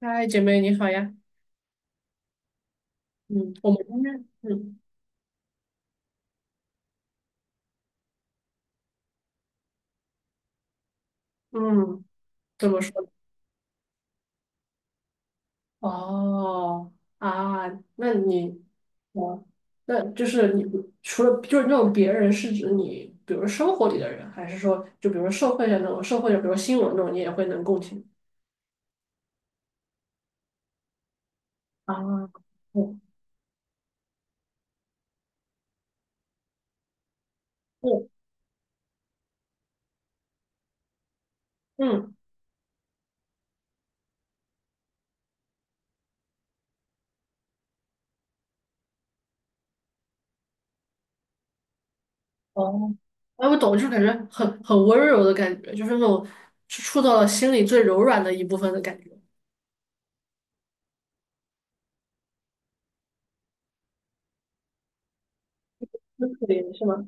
嗨，姐妹你好呀。嗯，我们今天，嗯嗯，怎么说？哦啊，那你，哦，那就是你除了就是那种别人是指你，比如生活里的人，还是说就比如社会上那种社会的，比如新闻那种，你也会能共情啊？嗯嗯嗯，哦，哎，我懂，就是感觉很温柔的感觉，就是那种触到了心里最柔软的一部分的感觉，那可怜是吗？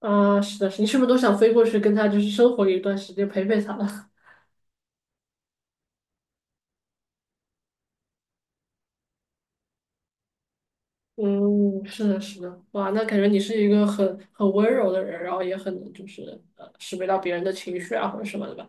啊，是的，是的你是不是都想飞过去跟他就是生活一段时间，陪陪他了？嗯，是的，是的，哇，那感觉你是一个很温柔的人，然后也很能就是识别到别人的情绪啊或者什么的吧。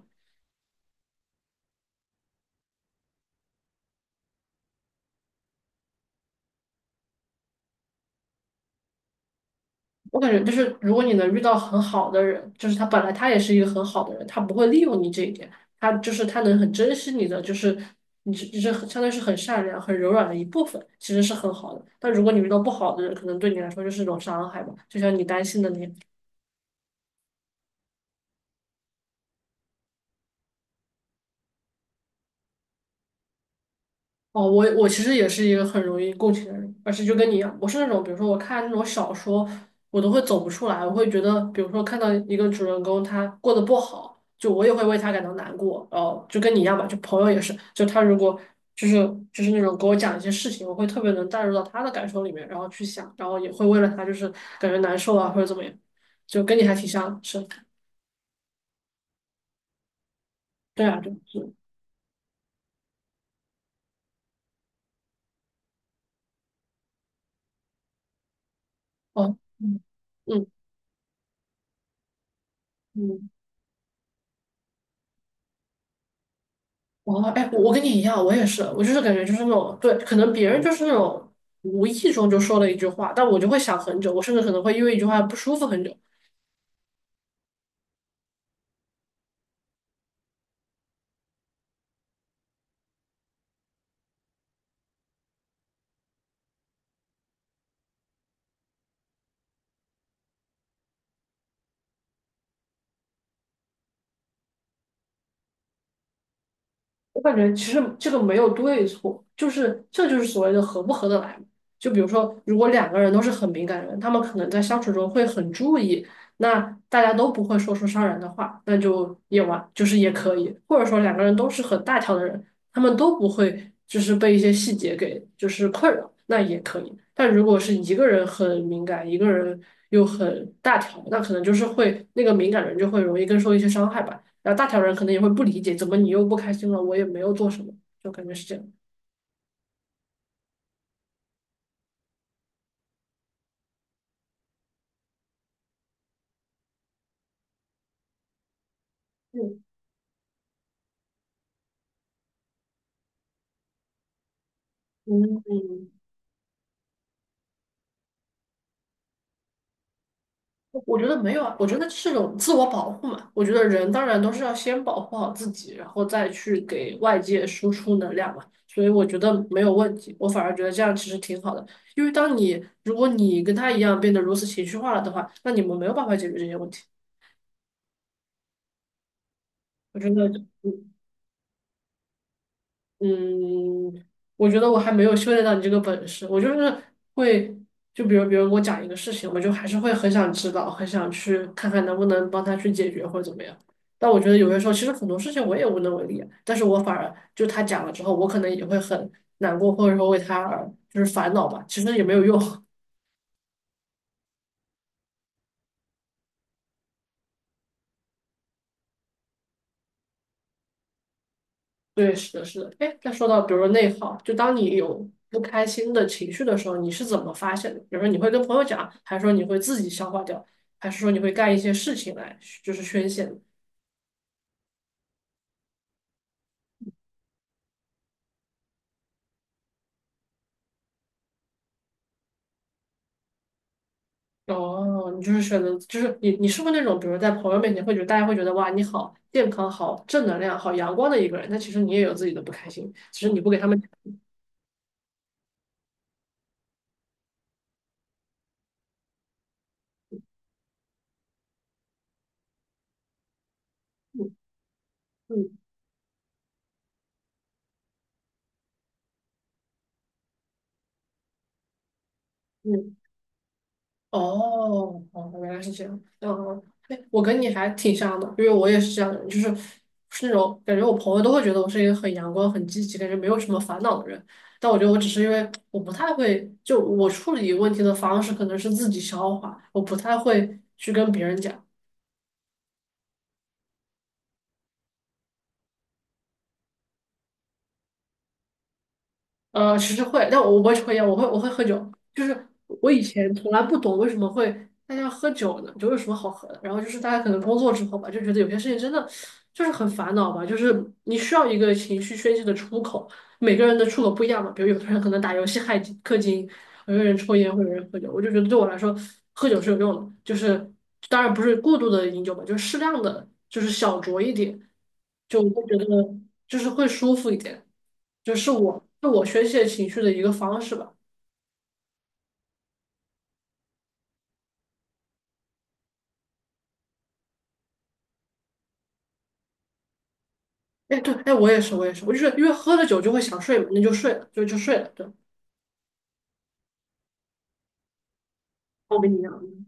我感觉就是如果你能遇到很好的人，就是他本来他也是一个很好的人，他不会利用你这一点，他就是他能很珍惜你的，就是你是很相当于是很善良、很柔软的一部分，其实是很好的。但如果你遇到不好的人，可能对你来说就是一种伤害吧，就像你担心的那样。哦，我其实也是一个很容易共情的人，而且就跟你一样，我是那种，比如说我看那种小说，我都会走不出来，我会觉得，比如说看到一个主人公他过得不好，就我也会为他感到难过，然后就跟你一样吧，就朋友也是，就他如果就是就是那种给我讲一些事情，我会特别能带入到他的感受里面，然后去想，然后也会为了他就是感觉难受啊或者怎么样，就跟你还挺像的是，对啊，对，是，哦，嗯嗯嗯。哦，哎，我跟你一样，我也是，我就是感觉就是那种，对，可能别人就是那种无意中就说了一句话，但我就会想很久，我甚至可能会因为一句话不舒服很久。我感觉其实这个没有对错，就是这就是所谓的合不合得来嘛。就比如说，如果两个人都是很敏感的人，他们可能在相处中会很注意，那大家都不会说出伤人的话，那就也完，就是也可以。或者说两个人都是很大条的人，他们都不会就是被一些细节给就是困扰，那也可以。但如果是一个人很敏感，一个人又很大条，那可能就是会那个敏感人就会容易更受一些伤害吧。然后大条人可能也会不理解，怎么你又不开心了？我也没有做什么，就感觉是这样。嗯嗯，嗯，我觉得没有啊，我觉得是种自我保护嘛。我觉得人当然都是要先保护好自己，然后再去给外界输出能量嘛。所以我觉得没有问题，我反而觉得这样其实挺好的。因为当你如果你跟他一样变得如此情绪化了的话，那你们没有办法解决这些问题。我觉得，嗯嗯，我觉得我还没有修炼到你这个本事，我就是会，就比如别人给我讲一个事情，我就还是会很想知道，很想去看看能不能帮他去解决或者怎么样。但我觉得有些时候，其实很多事情我也无能为力啊但是我反而就他讲了之后，我可能也会很难过，或者说为他而就是烦恼吧，其实也没有用。对，是的，是的。哎，再说到比如说内耗，就当你有不开心的情绪的时候，你是怎么发现的？比如说你会跟朋友讲，还是说你会自己消化掉，还是说你会干一些事情来就是宣泄呢。哦，你就是选择，就是你是不是那种，比如在朋友面前会觉得大家会觉得哇你好健康、好正能量、好阳光的一个人，但其实你也有自己的不开心，其实你不给他们。嗯嗯嗯。哦，哦，原来是这样。嗯，对，我跟你还挺像的，因为我也是这样的人就是是那种感觉，我朋友都会觉得我是一个很阳光、很积极，感觉没有什么烦恼的人。但我觉得我只是因为我不太会，就我处理问题的方式可能是自己消化，我不太会去跟别人讲。其实会，但我不会抽烟，我会喝酒。就是我以前从来不懂为什么会大家喝酒呢，酒有什么好喝的。然后就是大家可能工作之后吧，就觉得有些事情真的就是很烦恼吧，就是你需要一个情绪宣泄的出口。每个人的出口不一样嘛，比如有的人可能打游戏氪金，有的人抽烟，或者有人喝酒。我就觉得对我来说，喝酒是有用的，就是当然不是过度的饮酒吧，就是适量的，就是小酌一点，就我会觉得就是会舒服一点。就是我是我宣泄情绪的一个方式吧。哎，对，哎，我也是，我也是，我就是因为喝了酒就会想睡嘛，那就睡了，就睡了。对，我跟你一样。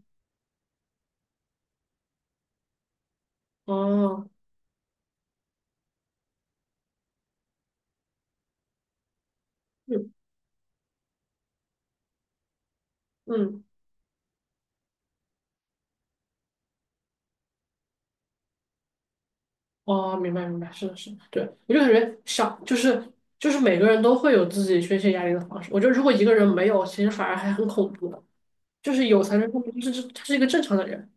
哦，嗯嗯，哦，明白明白，是的是的，对，我就感觉想，就是就是每个人都会有自己宣泄压力的方式。我觉得如果一个人没有，其实反而还很恐怖的，就是有才能说明就是他是一个正常的人。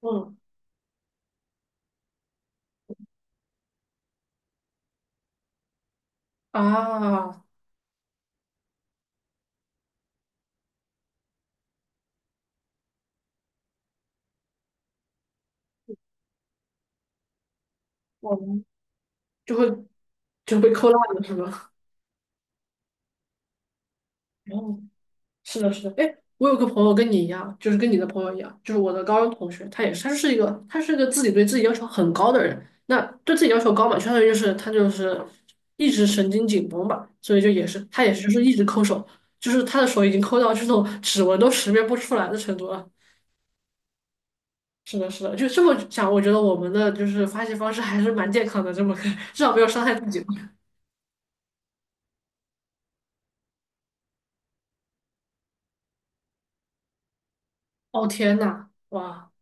嗯啊，我们就会就被扣烂了，是吧？哦，是的，是的，哎，我有个朋友跟你一样，就是跟你的朋友一样，就是我的高中同学，他也是，他是一个自己对自己要求很高的人，那对自己要求高嘛，相当于就是他就是一直神经紧绷吧，所以就也是他也是就是一直抠手，就是他的手已经抠到这种指纹都识别不出来的程度了。是的，是的，就这么想，我觉得我们的就是发泄方式还是蛮健康的，这么看，至少没有伤害自己。哦，天呐，哇，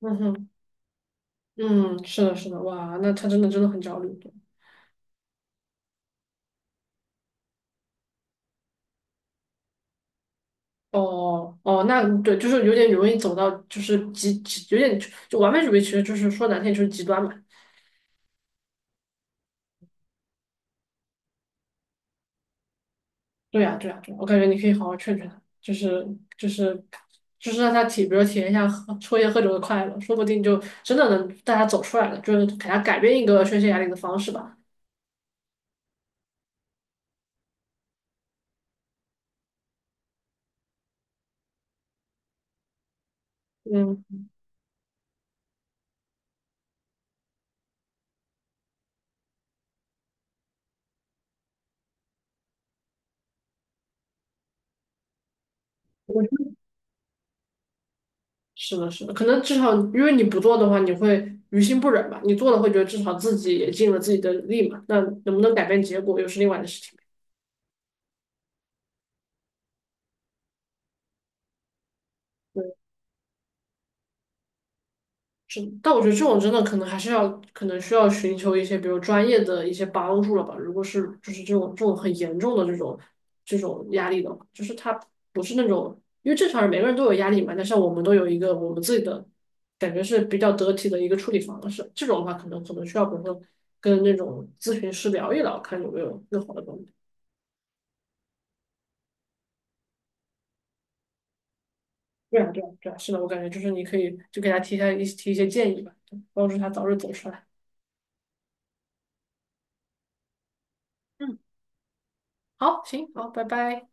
嗯哼，嗯，是的，是的，哇，那他真的真的很焦虑。哦哦，那对，就是有点容易走到，就是极，有点就完美主义，其实就是说难听就是极端嘛。对呀，对呀，对呀，我感觉你可以好好劝劝他，就是就是就是让他体，比如体验一下喝抽烟喝酒的快乐，说不定就真的能带他走出来了，就是给他改变一个宣泄压力的方式吧。嗯，我觉得是的，是的，可能至少因为你不做的话，你会于心不忍吧；你做了，会觉得至少自己也尽了自己的力嘛。那能不能改变结果，又是另外的事情。嗯，是，但我觉得这种真的可能还是要，可能需要寻求一些，比如专业的一些帮助了吧。如果是就是这种很严重的这种压力的话，就是他不是那种，因为正常人每个人都有压力嘛，但是我们都有一个我们自己的感觉是比较得体的一个处理方式。这种的话，可能需要，比如说跟那种咨询师聊一聊，看有没有更好的帮助。对啊，对啊，对啊，是的，我感觉就是你可以就给他提一些建议吧，帮助他早日走出来。嗯，好，行，好，拜拜。